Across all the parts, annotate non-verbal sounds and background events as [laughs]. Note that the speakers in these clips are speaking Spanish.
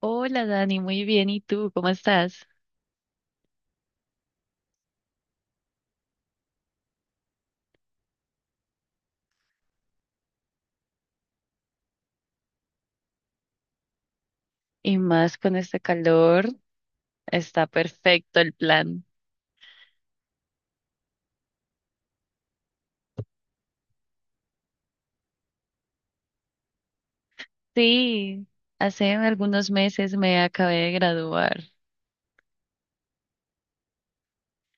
Hola Dani, muy bien. ¿Y tú cómo estás? Y más con este calor, está perfecto el plan. Sí, hace algunos meses me acabé de graduar.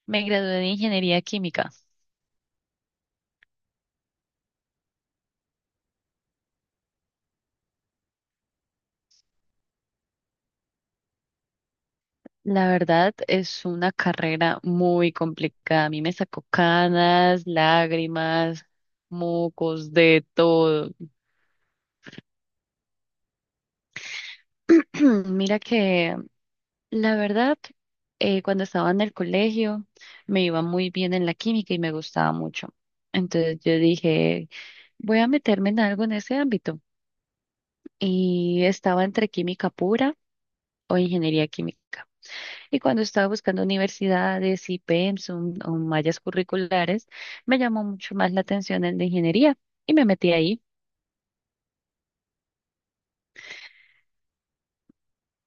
Me gradué de ingeniería química. La verdad es una carrera muy complicada. A mí me sacó canas, lágrimas, mocos, de todo. [clears throat] Mira que la verdad, cuando estaba en el colegio me iba muy bien en la química y me gustaba mucho. Entonces yo dije, voy a meterme en algo en ese ámbito. Y estaba entre química pura o ingeniería química. Y cuando estaba buscando universidades y pensum o mallas curriculares, me llamó mucho más la atención el de ingeniería y me metí ahí.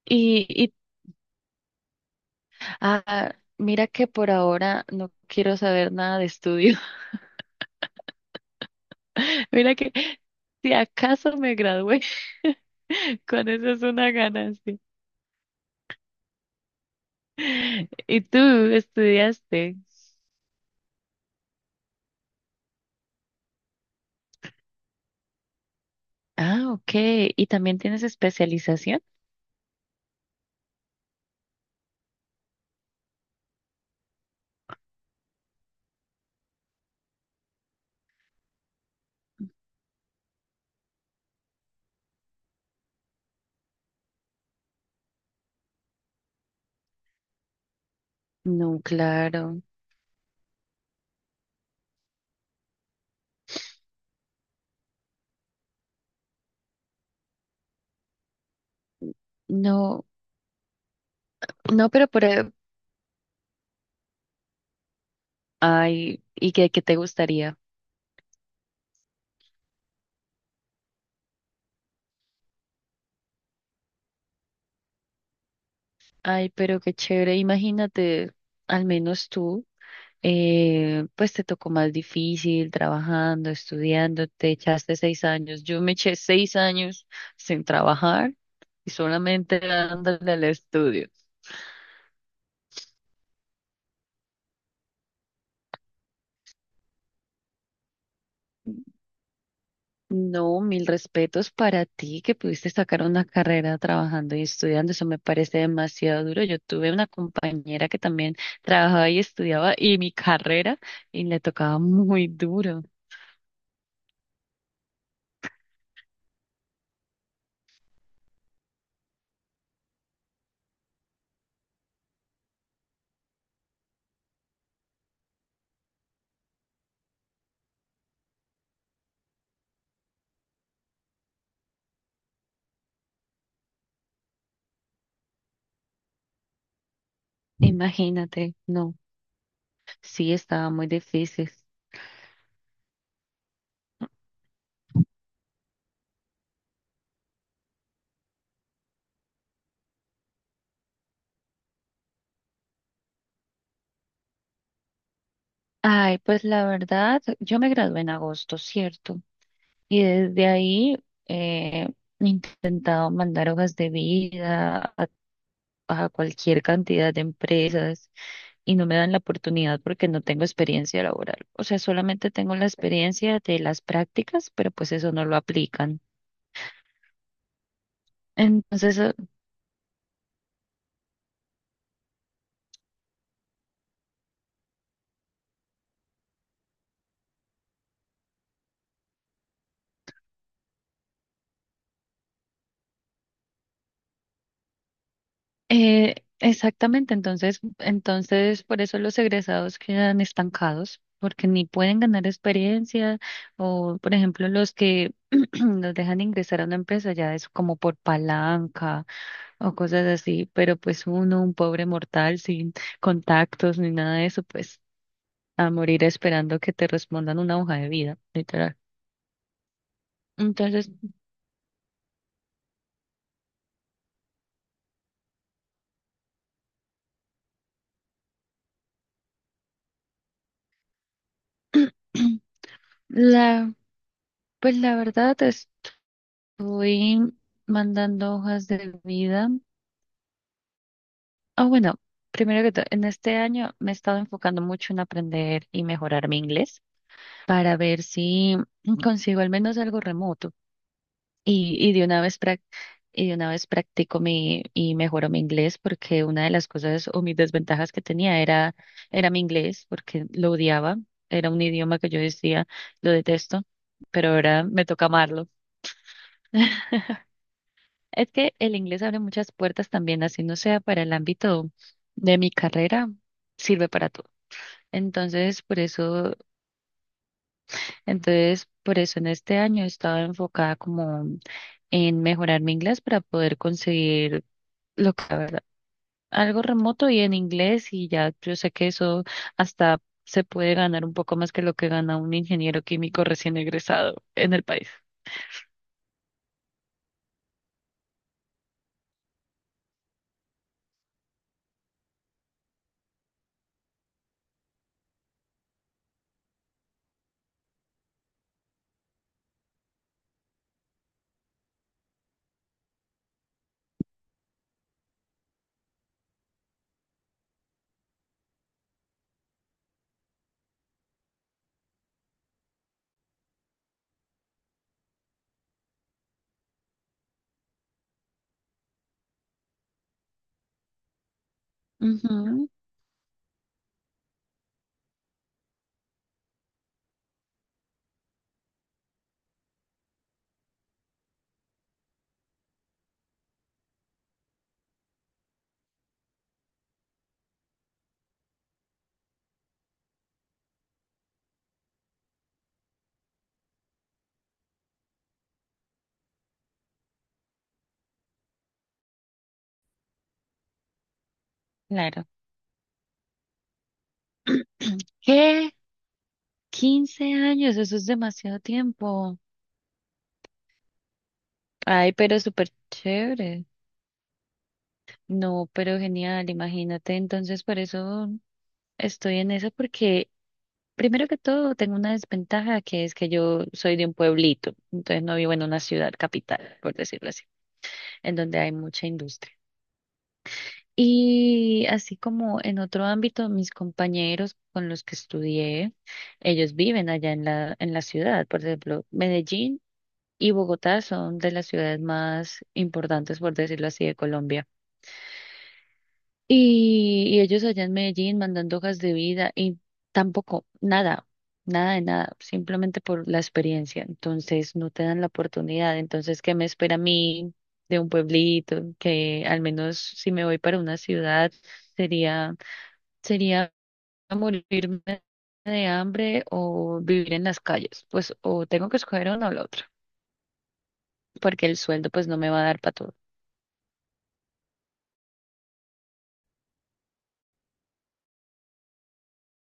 Y, y mira que por ahora no quiero saber nada de estudios. Mira que si acaso me gradué, [laughs] con eso es una ganancia. ¿Y tú estudiaste? Ah, ok. ¿Y también tienes especialización? No, claro. No, no, pero ay, ¿y qué te gustaría? Ay, pero qué chévere. Imagínate, al menos tú, pues te tocó más difícil trabajando, estudiando, te echaste 6 años. Yo me eché 6 años sin trabajar y solamente dándole al estudio. No, mil respetos para ti que pudiste sacar una carrera trabajando y estudiando. Eso me parece demasiado duro. Yo tuve una compañera que también trabajaba y estudiaba y mi carrera y le tocaba muy duro. Imagínate, no, sí, estaba muy difícil. Ay, pues la verdad, yo me gradué en agosto, ¿cierto? Y desde ahí he intentado mandar hojas de vida a cualquier cantidad de empresas y no me dan la oportunidad porque no tengo experiencia laboral. O sea, solamente tengo la experiencia de las prácticas, pero pues eso no lo aplican. Entonces, exactamente, entonces por eso los egresados quedan estancados, porque ni pueden ganar experiencia o, por ejemplo, los que [clears throat] los dejan ingresar a una empresa ya es como por palanca o cosas así, pero pues uno, un pobre mortal sin contactos ni nada de eso, pues a morir esperando que te respondan una hoja de vida, literal. Entonces, [clears throat] la, pues la verdad estoy mandando hojas de vida. Ah, bueno, primero que todo, en este año me he estado enfocando mucho en aprender y mejorar mi inglés para ver si consigo al menos algo remoto. Y de una vez practico mi y mejoro mi inglés, porque una de las cosas o mis desventajas que tenía era mi inglés, porque lo odiaba, era un idioma que yo decía lo detesto, pero ahora me toca amarlo. [laughs] Es que el inglés abre muchas puertas también, así no sea para el ámbito de mi carrera, sirve para todo. Entonces, por eso, entonces, por eso en este año he estado enfocada como en mejorar mi inglés para poder conseguir lo que algo remoto y en inglés, y ya yo sé que eso hasta se puede ganar un poco más que lo que gana un ingeniero químico recién egresado en el país. Ujú, claro. [clears throat] ¿Qué? 15 años, eso es demasiado tiempo. Ay, pero súper chévere. No, pero genial, imagínate. Entonces, por eso estoy en eso, porque primero que todo tengo una desventaja que es que yo soy de un pueblito, entonces no vivo en una ciudad capital, por decirlo así, en donde hay mucha industria. Y así como en otro ámbito, mis compañeros con los que estudié, ellos viven allá en la ciudad. Por ejemplo, Medellín y Bogotá son de las ciudades más importantes, por decirlo así, de Colombia. Y ellos allá en Medellín mandando hojas de vida y tampoco, nada, nada de nada, simplemente por la experiencia. Entonces, no te dan la oportunidad. Entonces, ¿qué me espera a mí de un pueblito? Que al menos si me voy para una ciudad, sería sería morirme de hambre o vivir en las calles. Pues o tengo que escoger uno o lo otro, porque el sueldo pues no me va a dar para todo,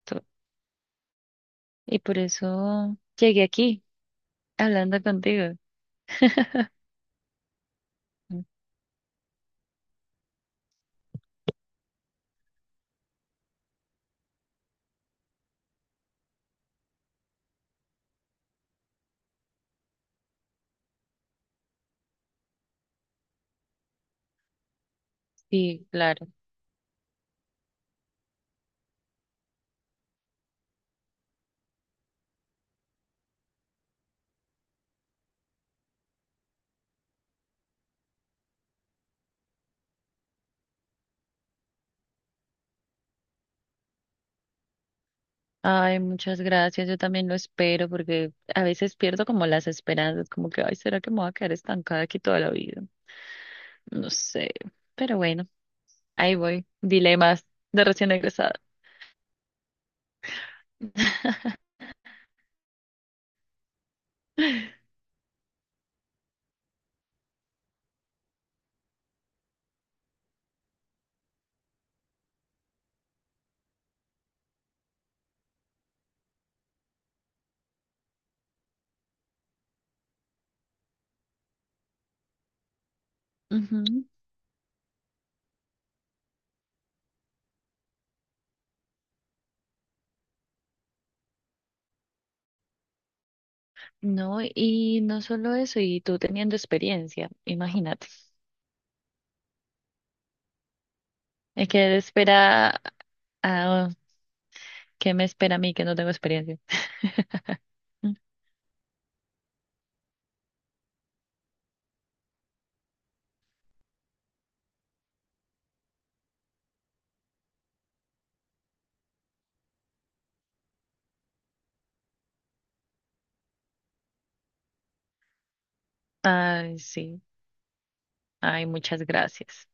todo. Y por eso llegué aquí hablando contigo. Sí, claro. Ay, muchas gracias. Yo también lo espero, porque a veces pierdo como las esperanzas, como que, ay, ¿será que me voy a quedar estancada aquí toda la vida? No sé. Pero bueno, ahí voy. Dilemas de recién egresada. [laughs] Ujú. No, y no solo eso, y tú teniendo experiencia, imagínate. Es que espera, ah, ¿qué me espera a mí que no tengo experiencia? [laughs] Ay, sí. Ay, muchas gracias.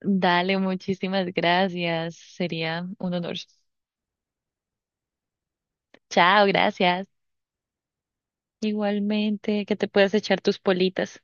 Dale, muchísimas gracias. Sería un honor. Chao, gracias. Igualmente, que te puedas echar tus politas.